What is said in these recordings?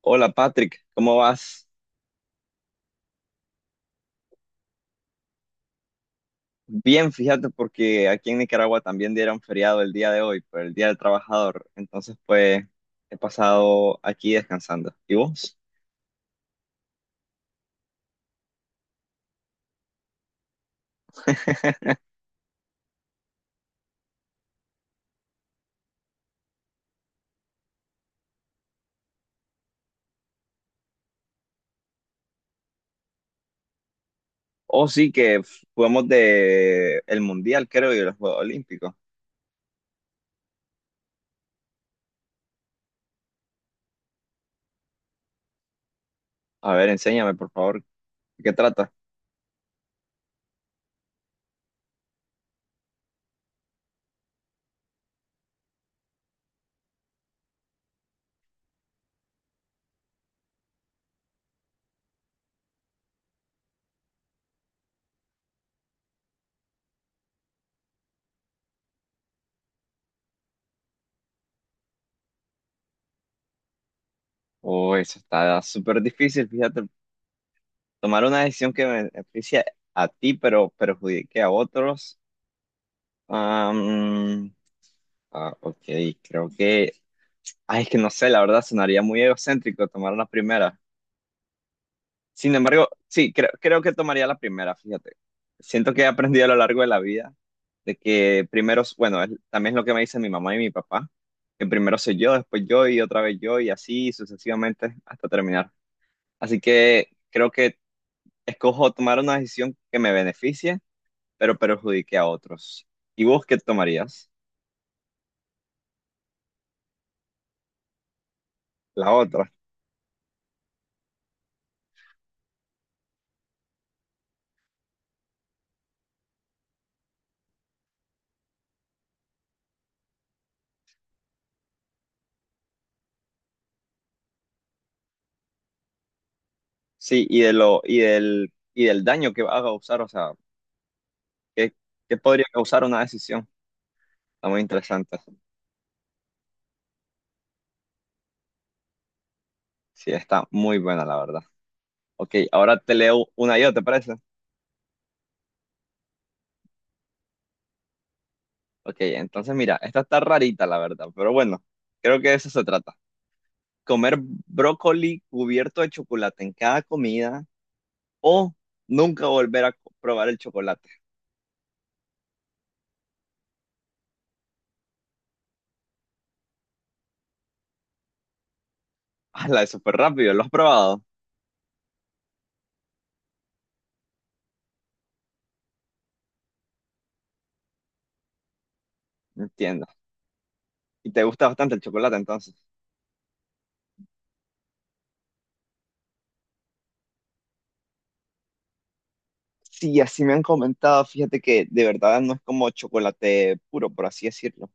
Hola Patrick, ¿cómo vas? Bien, fíjate porque aquí en Nicaragua también dieron feriado el día de hoy, por el Día del Trabajador. Entonces, pues he pasado aquí descansando. ¿Y vos? Oh, sí, que jugamos de el Mundial, creo, y los Juegos Olímpicos. A ver, enséñame, por favor, ¿de qué trata? Oh, eso está súper difícil, fíjate. Tomar una decisión que me beneficie a ti, pero perjudique a otros. Am, ah, ok, creo que, ay, es que no sé, la verdad sonaría muy egocéntrico tomar la primera. Sin embargo, sí, creo que tomaría la primera, fíjate. Siento que he aprendido a lo largo de la vida de que primero, bueno, también es lo que me dicen mi mamá y mi papá, que primero soy yo, después yo y otra vez yo y así sucesivamente hasta terminar. Así que creo que escojo tomar una decisión que me beneficie, pero perjudique a otros. ¿Y vos qué tomarías? La otra. Sí, y de lo, y del daño que va a causar, o sea. ¿Qué, ¿qué podría causar una decisión? Está muy interesante. Sí, está muy buena, la verdad. Ok, ahora te leo una yo, ¿te parece? Ok, entonces mira, esta está rarita, la verdad, pero bueno, creo que de eso se trata. Comer brócoli cubierto de chocolate en cada comida o nunca volver a probar el chocolate. ¡Hala, es súper rápido! ¿Lo has probado? Entiendo. ¿Y te gusta bastante el chocolate entonces? Sí, así me han comentado, fíjate que de verdad no es como chocolate puro, por así decirlo.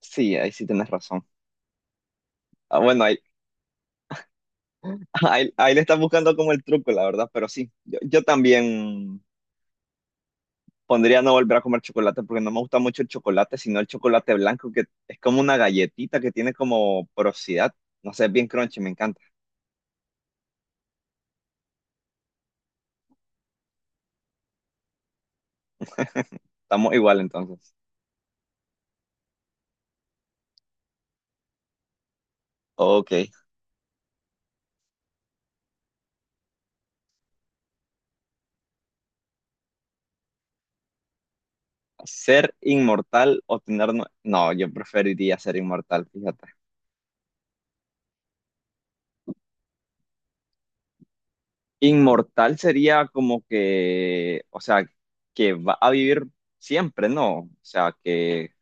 Sí, ahí sí tienes razón. Ah, bueno, ahí le estás buscando como el truco, la verdad, pero sí, yo también pondría no volver a comer chocolate porque no me gusta mucho el chocolate, sino el chocolate blanco, que es como una galletita que tiene como porosidad. No sé, es bien crunchy, me encanta. Estamos igual entonces. Ok. ¿Ser inmortal o tener no, yo preferiría ser inmortal, fíjate. Inmortal sería como que, o sea, que va a vivir siempre, ¿no? O sea, que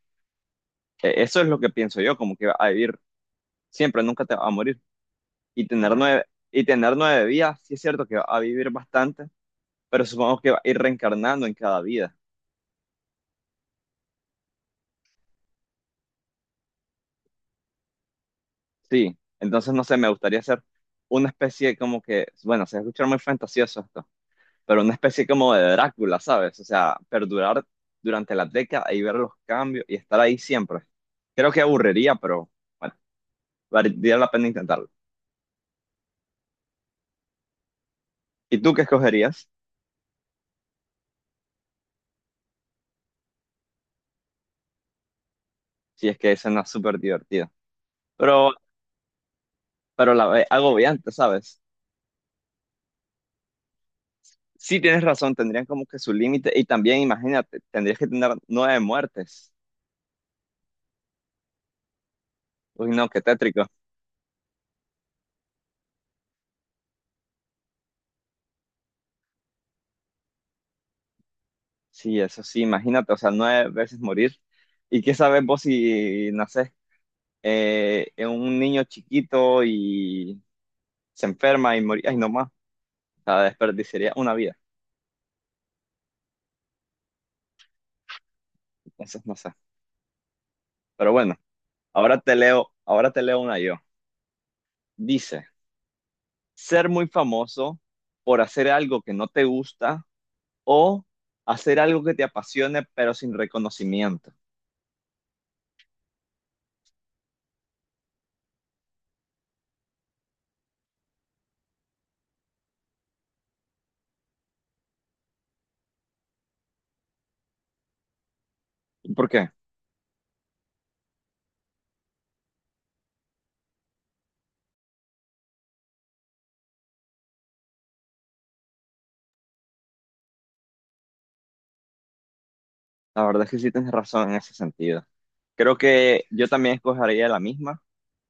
que eso es lo que pienso yo, como que va a vivir siempre, nunca te va a morir. Y tener nueve, y tener nueve vidas, sí es cierto que va a vivir bastante, pero supongo que va a ir reencarnando en cada vida. Sí, entonces no sé, me gustaría hacer una especie como que, bueno, se escucha muy fantasioso esto, pero una especie como de Drácula, ¿sabes? O sea, perdurar durante la década y ver los cambios y estar ahí siempre. Creo que aburriría, pero bueno, valdría la pena intentarlo. ¿Y tú qué escogerías? Si es que suena súper divertido. Pero, pero agobiante, ¿sabes? Sí, tienes razón, tendrían como que su límite. Y también, imagínate, tendrías que tener nueve muertes. Uy, no, qué tétrico. Sí, eso sí, imagínate, o sea, nueve veces morir. ¿Y qué sabes vos si nacés en un niño chiquito y se enferma y morí? Ay, no más, o sea, desperdiciaría una vida. Entonces, no sé. Pero bueno, ahora te leo una yo. Dice, ser muy famoso por hacer algo que no te gusta o hacer algo que te apasione pero sin reconocimiento. ¿Por qué? La verdad es que sí tienes razón en ese sentido. Creo que yo también escogería la misma,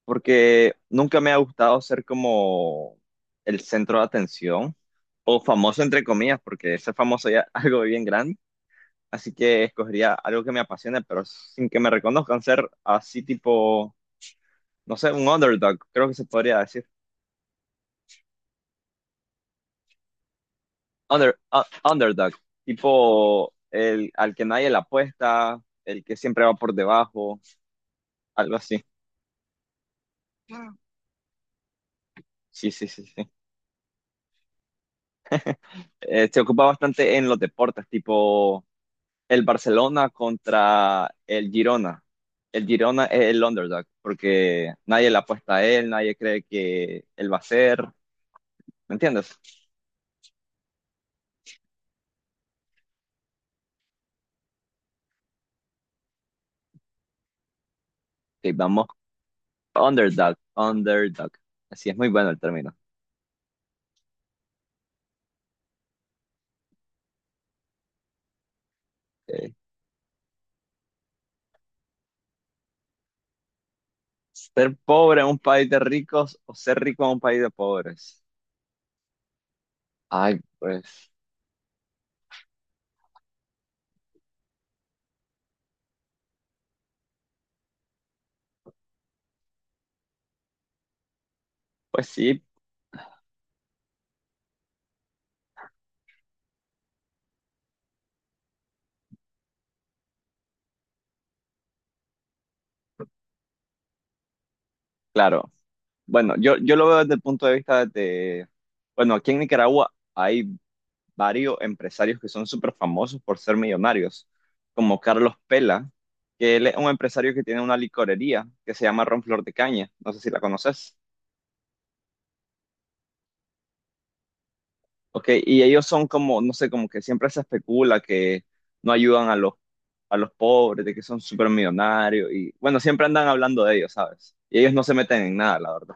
porque nunca me ha gustado ser como el centro de atención o famoso entre comillas, porque ser famoso ya es algo bien grande. Así que escogería algo que me apasione, pero sin que me reconozcan, ser así tipo, no sé, un underdog, creo que se podría decir. Under, u- Underdog, tipo el al que nadie le apuesta, el que siempre va por debajo, algo así. Sí, sí, sí, sí. Se ocupa bastante en los deportes, tipo el Barcelona contra el Girona. El Girona es el underdog, porque nadie le apuesta a él, nadie cree que él va a ser. ¿Me entiendes? Sí, vamos, underdog, underdog. Así es muy bueno el término. Eh, ser pobre en un país de ricos o ser rico en un país de pobres. Ay, pues, sí, claro. Bueno, yo lo veo desde el punto de vista de, bueno, aquí en Nicaragua hay varios empresarios que son súper famosos por ser millonarios, como Carlos Pela, que él es un empresario que tiene una licorería que se llama Ron Flor de Caña, no sé si la conoces. Ok, y ellos son como, no sé, como que siempre se especula que no ayudan a los, pobres, de que son súper millonarios, y bueno, siempre andan hablando de ellos, ¿sabes? Y ellos no se meten en nada, la verdad.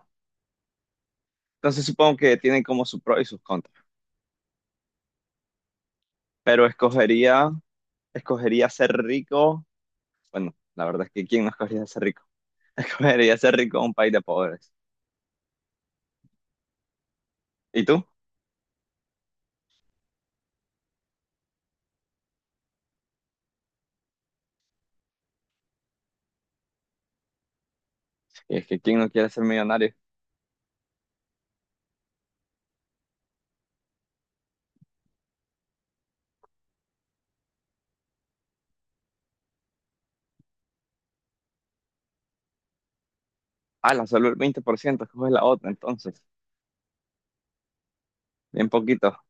Entonces supongo que tienen como sus pros y sus contras, pero escogería ser rico, bueno, la verdad es que ¿quién no escogería ser rico? Debería ser rico en un país de pobres. ¿Y tú? Y es que ¿quién no quiere ser millonario? Ah, la solo el 20%, coge la otra entonces. Bien poquito,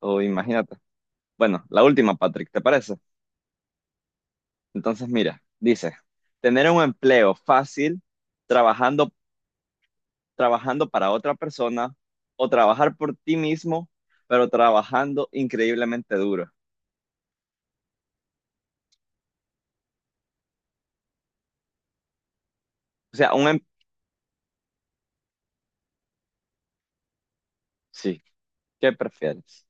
o imagínate. Bueno, la última, Patrick, ¿te parece? Entonces, mira, dice, tener un empleo fácil, trabajando, trabajando para otra persona, o trabajar por ti mismo, pero trabajando increíblemente duro. O sea, sí, ¿qué prefieres?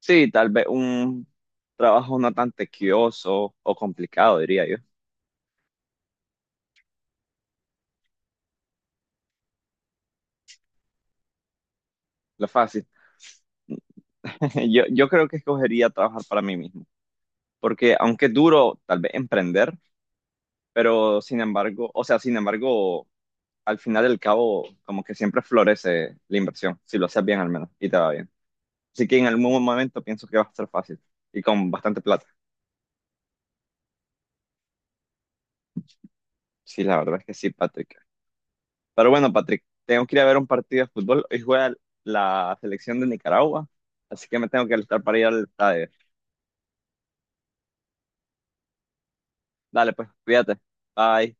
Sí, tal vez un trabajo no tan tequioso o complicado, diría yo. Lo fácil. Yo creo que escogería trabajar para mí mismo, porque aunque es duro tal vez emprender, pero sin embargo, o sea, sin embargo, al final del cabo, como que siempre florece la inversión, si lo haces bien al menos y te va bien. Así que en algún momento pienso que va a ser fácil y con bastante plata. Sí, la verdad es que sí, Patrick. Pero bueno, Patrick, tengo que ir a ver un partido de fútbol. Hoy juega la selección de Nicaragua, así que me tengo que alistar para ir al estadio. Dale, pues, cuídate. Bye.